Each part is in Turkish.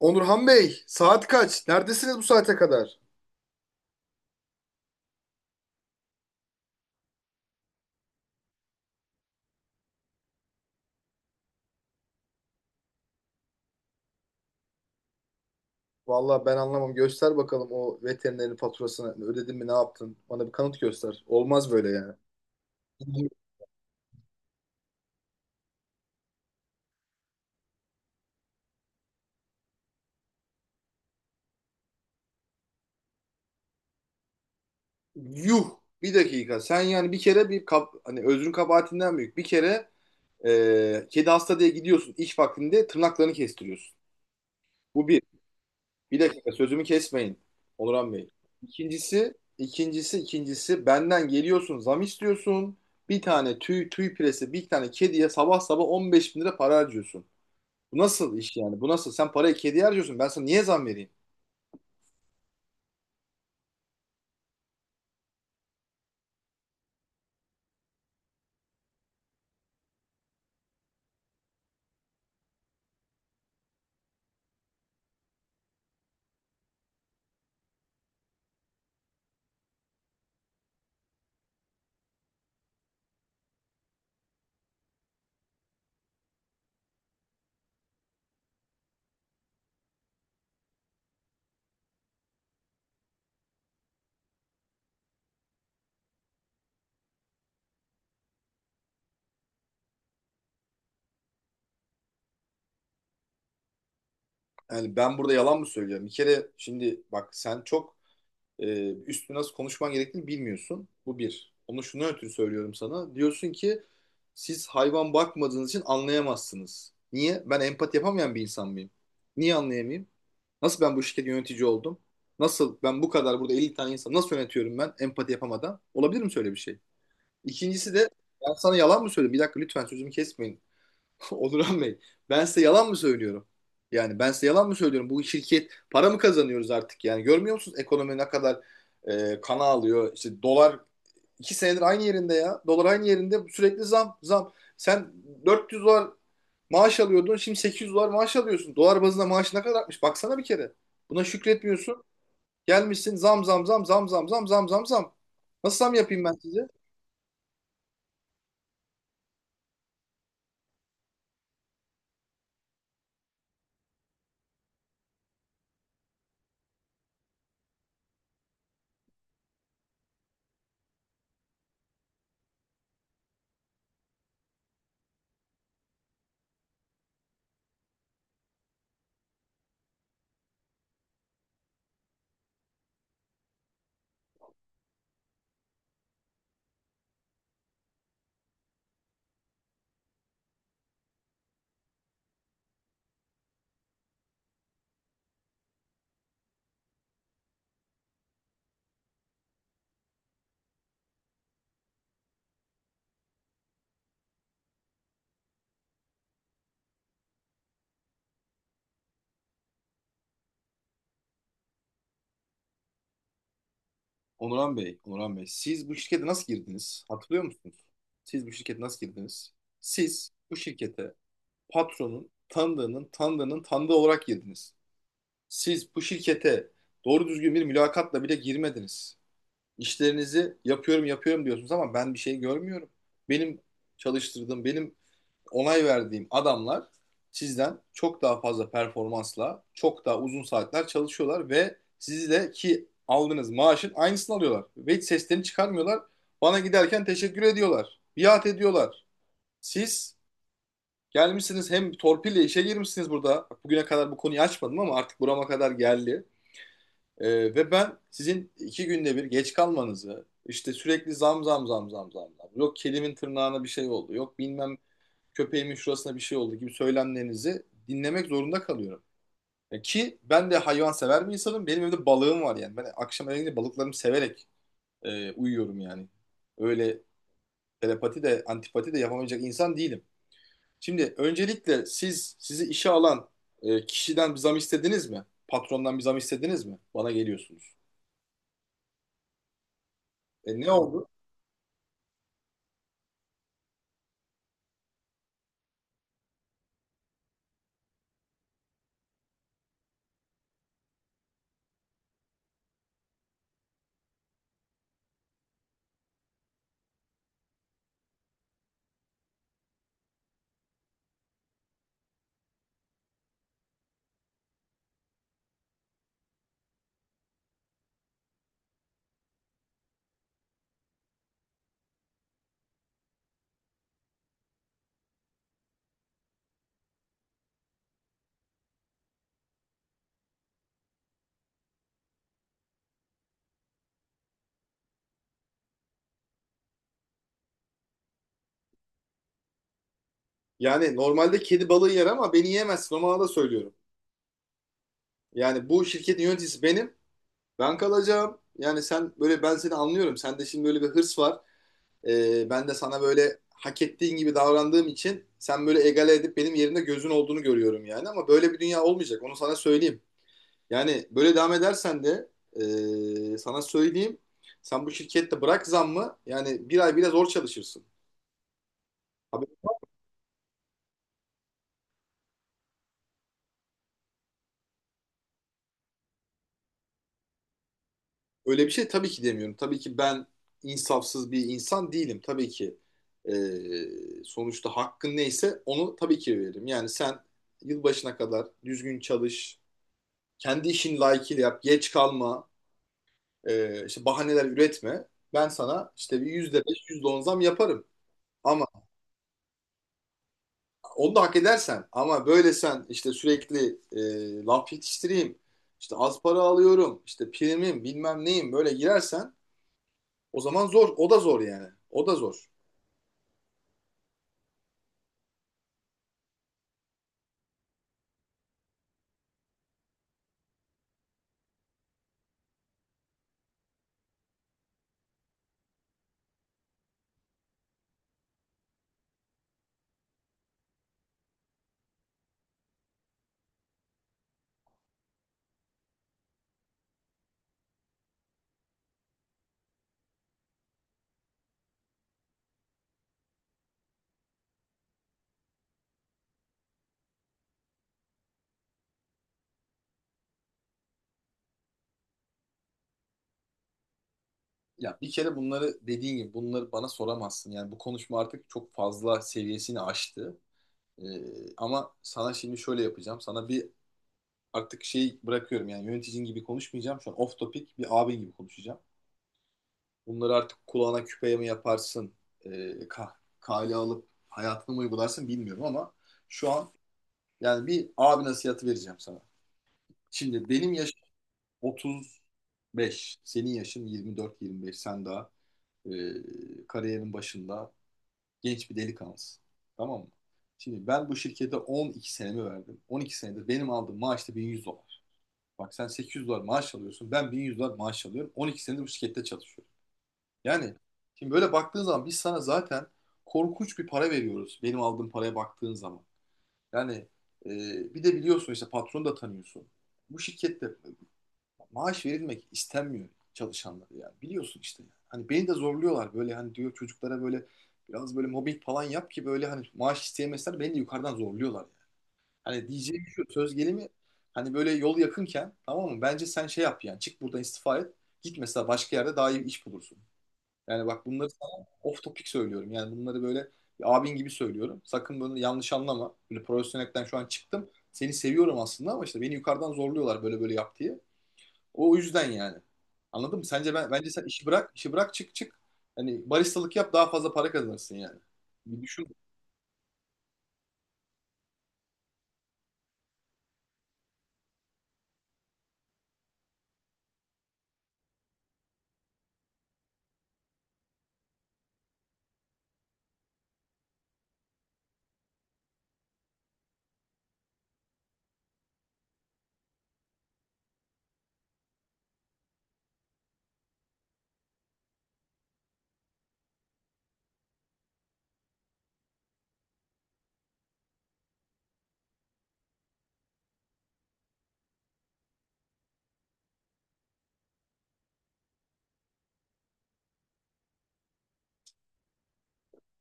Onurhan Bey, saat kaç? Neredesiniz bu saate kadar? Vallahi ben anlamam. Göster bakalım o veterinerin faturasını. Ödedin mi, ne yaptın? Bana bir kanıt göster. Olmaz böyle yani. Yuh, bir dakika. Sen yani bir kere hani özrün kabahatinden büyük. Bir kere kedi hasta diye gidiyorsun, iş vaktinde tırnaklarını kestiriyorsun. Bu bir. Bir dakika, sözümü kesmeyin Onuran Bey. İkincisi, ikincisi, ikincisi benden geliyorsun zam istiyorsun. Bir tane tüy piresi, bir tane kediye sabah sabah 15 bin lira para harcıyorsun. Bu nasıl iş yani? Bu nasıl? Sen parayı kediye harcıyorsun. Ben sana niye zam vereyim? Yani ben burada yalan mı söylüyorum? Bir kere şimdi bak, sen çok, üstü nasıl konuşman gerektiğini bilmiyorsun. Bu bir. Onu şuna ötürü söylüyorum sana. Diyorsun ki siz hayvan bakmadığınız için anlayamazsınız. Niye? Ben empati yapamayan bir insan mıyım? Niye anlayamayayım? Nasıl ben bu şirketin yönetici oldum? Nasıl ben bu kadar burada 50 tane insan nasıl yönetiyorum, ben empati yapamadan? Olabilir mi şöyle bir şey? İkincisi de ben sana yalan mı söyledim? Bir dakika, lütfen sözümü kesmeyin. Onurhan Bey, ben size yalan mı söylüyorum? Yani ben size yalan mı söylüyorum? Bu şirket para mı kazanıyoruz artık? Yani görmüyor musunuz ekonomi ne kadar kana alıyor? İşte dolar iki senedir aynı yerinde ya. Dolar aynı yerinde, sürekli zam zam. Sen 400 dolar maaş alıyordun, şimdi 800 dolar maaş alıyorsun. Dolar bazında maaş ne kadar artmış? Baksana bir kere. Buna şükretmiyorsun. Gelmişsin zam zam zam zam zam zam zam zam zam. Nasıl zam yapayım ben size? Onuran Bey, Onuran Bey, siz bu şirkete nasıl girdiniz? Hatırlıyor musunuz? Siz bu şirkete nasıl girdiniz? Siz bu şirkete patronun tanıdığının tanıdığının tanıdığı olarak girdiniz. Siz bu şirkete doğru düzgün bir mülakatla bile girmediniz. İşlerinizi yapıyorum yapıyorum diyorsunuz ama ben bir şey görmüyorum. Benim çalıştırdığım, benim onay verdiğim adamlar sizden çok daha fazla performansla, çok daha uzun saatler çalışıyorlar ve sizi de ki aldığınız maaşın aynısını alıyorlar. Ve hiç seslerini çıkarmıyorlar. Bana giderken teşekkür ediyorlar. Biat ediyorlar. Siz gelmişsiniz hem torpille işe girmişsiniz burada. Bugüne kadar bu konuyu açmadım ama artık burama kadar geldi. Ve ben sizin iki günde bir geç kalmanızı, işte sürekli zam zam zam zam zam, zam, yok kedimin tırnağına bir şey oldu, yok bilmem köpeğimin şurasına bir şey oldu gibi söylemlerinizi dinlemek zorunda kalıyorum. Ki ben de hayvan sever bir insanım. Benim evde balığım var yani. Ben akşam eve gidince balıklarımı severek uyuyorum yani. Öyle telepati de antipati de yapamayacak insan değilim. Şimdi öncelikle siz, sizi işe alan kişiden bir zam istediniz mi? Patrondan bir zam istediniz mi? Bana geliyorsunuz. E, ne oldu? Yani normalde kedi balığı yer ama beni yiyemezsin. O manada söylüyorum. Yani bu şirketin yöneticisi benim. Ben kalacağım. Yani sen böyle, ben seni anlıyorum. Sende şimdi böyle bir hırs var. Ben de sana böyle hak ettiğin gibi davrandığım için sen böyle egale edip benim yerimde gözün olduğunu görüyorum yani. Ama böyle bir dünya olmayacak. Onu sana söyleyeyim. Yani böyle devam edersen de sana söyleyeyim. Sen bu şirkette bırak zammı, yani bir ay bile zor çalışırsın. Haberin Öyle bir şey tabii ki demiyorum. Tabii ki ben insafsız bir insan değilim. Tabii ki sonuçta hakkın neyse onu tabii ki veririm. Yani sen yılbaşına kadar düzgün çalış, kendi işini layıkıyla yap, geç kalma, işte bahaneler üretme. Ben sana işte bir %5, yüzde on zam yaparım. Ama onu da hak edersen. Ama böyle sen işte sürekli laf yetiştireyim, işte az para alıyorum, işte primim bilmem neyim böyle girersen, o zaman zor, o da zor yani. O da zor. Ya bir kere bunları dediğin gibi bunları bana soramazsın. Yani bu konuşma artık çok fazla seviyesini aştı. Ama sana şimdi şöyle yapacağım. Sana artık şey bırakıyorum, yani yöneticin gibi konuşmayacağım. Şu an off topic bir abin gibi konuşacağım. Bunları artık kulağına küpeye mi yaparsın? E, kah kale alıp hayatına mı uygularsın bilmiyorum, ama şu an yani bir abi nasihatı vereceğim sana. Şimdi benim yaşım 35. Senin yaşın 24-25. Sen daha kariyerin başında. Genç bir delikanlısın. Tamam mı? Şimdi ben bu şirkete 12 senemi verdim. 12 senedir benim aldığım maaş da 1100 dolar. Bak, sen 800 dolar maaş alıyorsun. Ben 1100 dolar maaş alıyorum. 12 senedir bu şirkette çalışıyorum. Yani şimdi böyle baktığın zaman biz sana zaten korkunç bir para veriyoruz. Benim aldığım paraya baktığın zaman. Yani e, bir de biliyorsun işte, patronu da tanıyorsun. Bu şirkette maaş verilmek istenmiyor çalışanlara yani. Biliyorsun işte. Ya. Hani beni de zorluyorlar böyle, hani diyor çocuklara böyle biraz böyle mobbing falan yap ki böyle hani maaş isteyemezler, beni de yukarıdan zorluyorlar yani. Hani diyeceğim şu, söz gelimi hani böyle yol yakınken, tamam mı? Bence sen şey yap, yani çık buradan, istifa et. Git mesela, başka yerde daha iyi bir iş bulursun. Yani bak, bunları sana off topic söylüyorum. Yani bunları böyle bir abin gibi söylüyorum. Sakın bunu yanlış anlama. Böyle profesyonelden şu an çıktım. Seni seviyorum aslında ama işte beni yukarıdan zorluyorlar, böyle böyle yap diye. O yüzden yani. Anladın mı? Sence bence sen işi bırak, işi bırak, çık çık. Hani baristalık yap, daha fazla para kazanırsın yani. Bir düşün.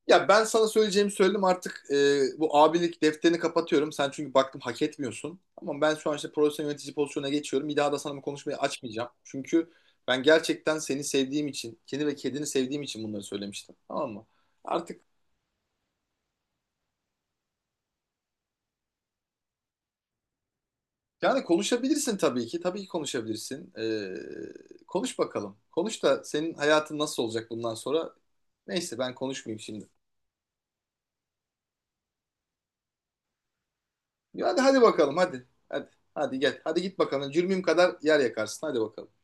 Ya ben sana söyleyeceğimi söyledim artık, bu abilik defterini kapatıyorum. Sen, çünkü baktım, hak etmiyorsun. Ama ben şu an işte profesyonel yönetici pozisyonuna geçiyorum. Bir daha da sana bu konuşmayı açmayacağım. Çünkü ben gerçekten seni sevdiğim için, kendi ve kedini sevdiğim için bunları söylemiştim. Tamam mı? Artık yani konuşabilirsin tabii ki. Tabii ki konuşabilirsin. Konuş bakalım. Konuş da senin hayatın nasıl olacak bundan sonra? Neyse, ben konuşmayayım şimdi. Ya hadi hadi bakalım, hadi. Hadi hadi gel. Hadi git bakalım. Cürmüm kadar yer yakarsın. Hadi bakalım.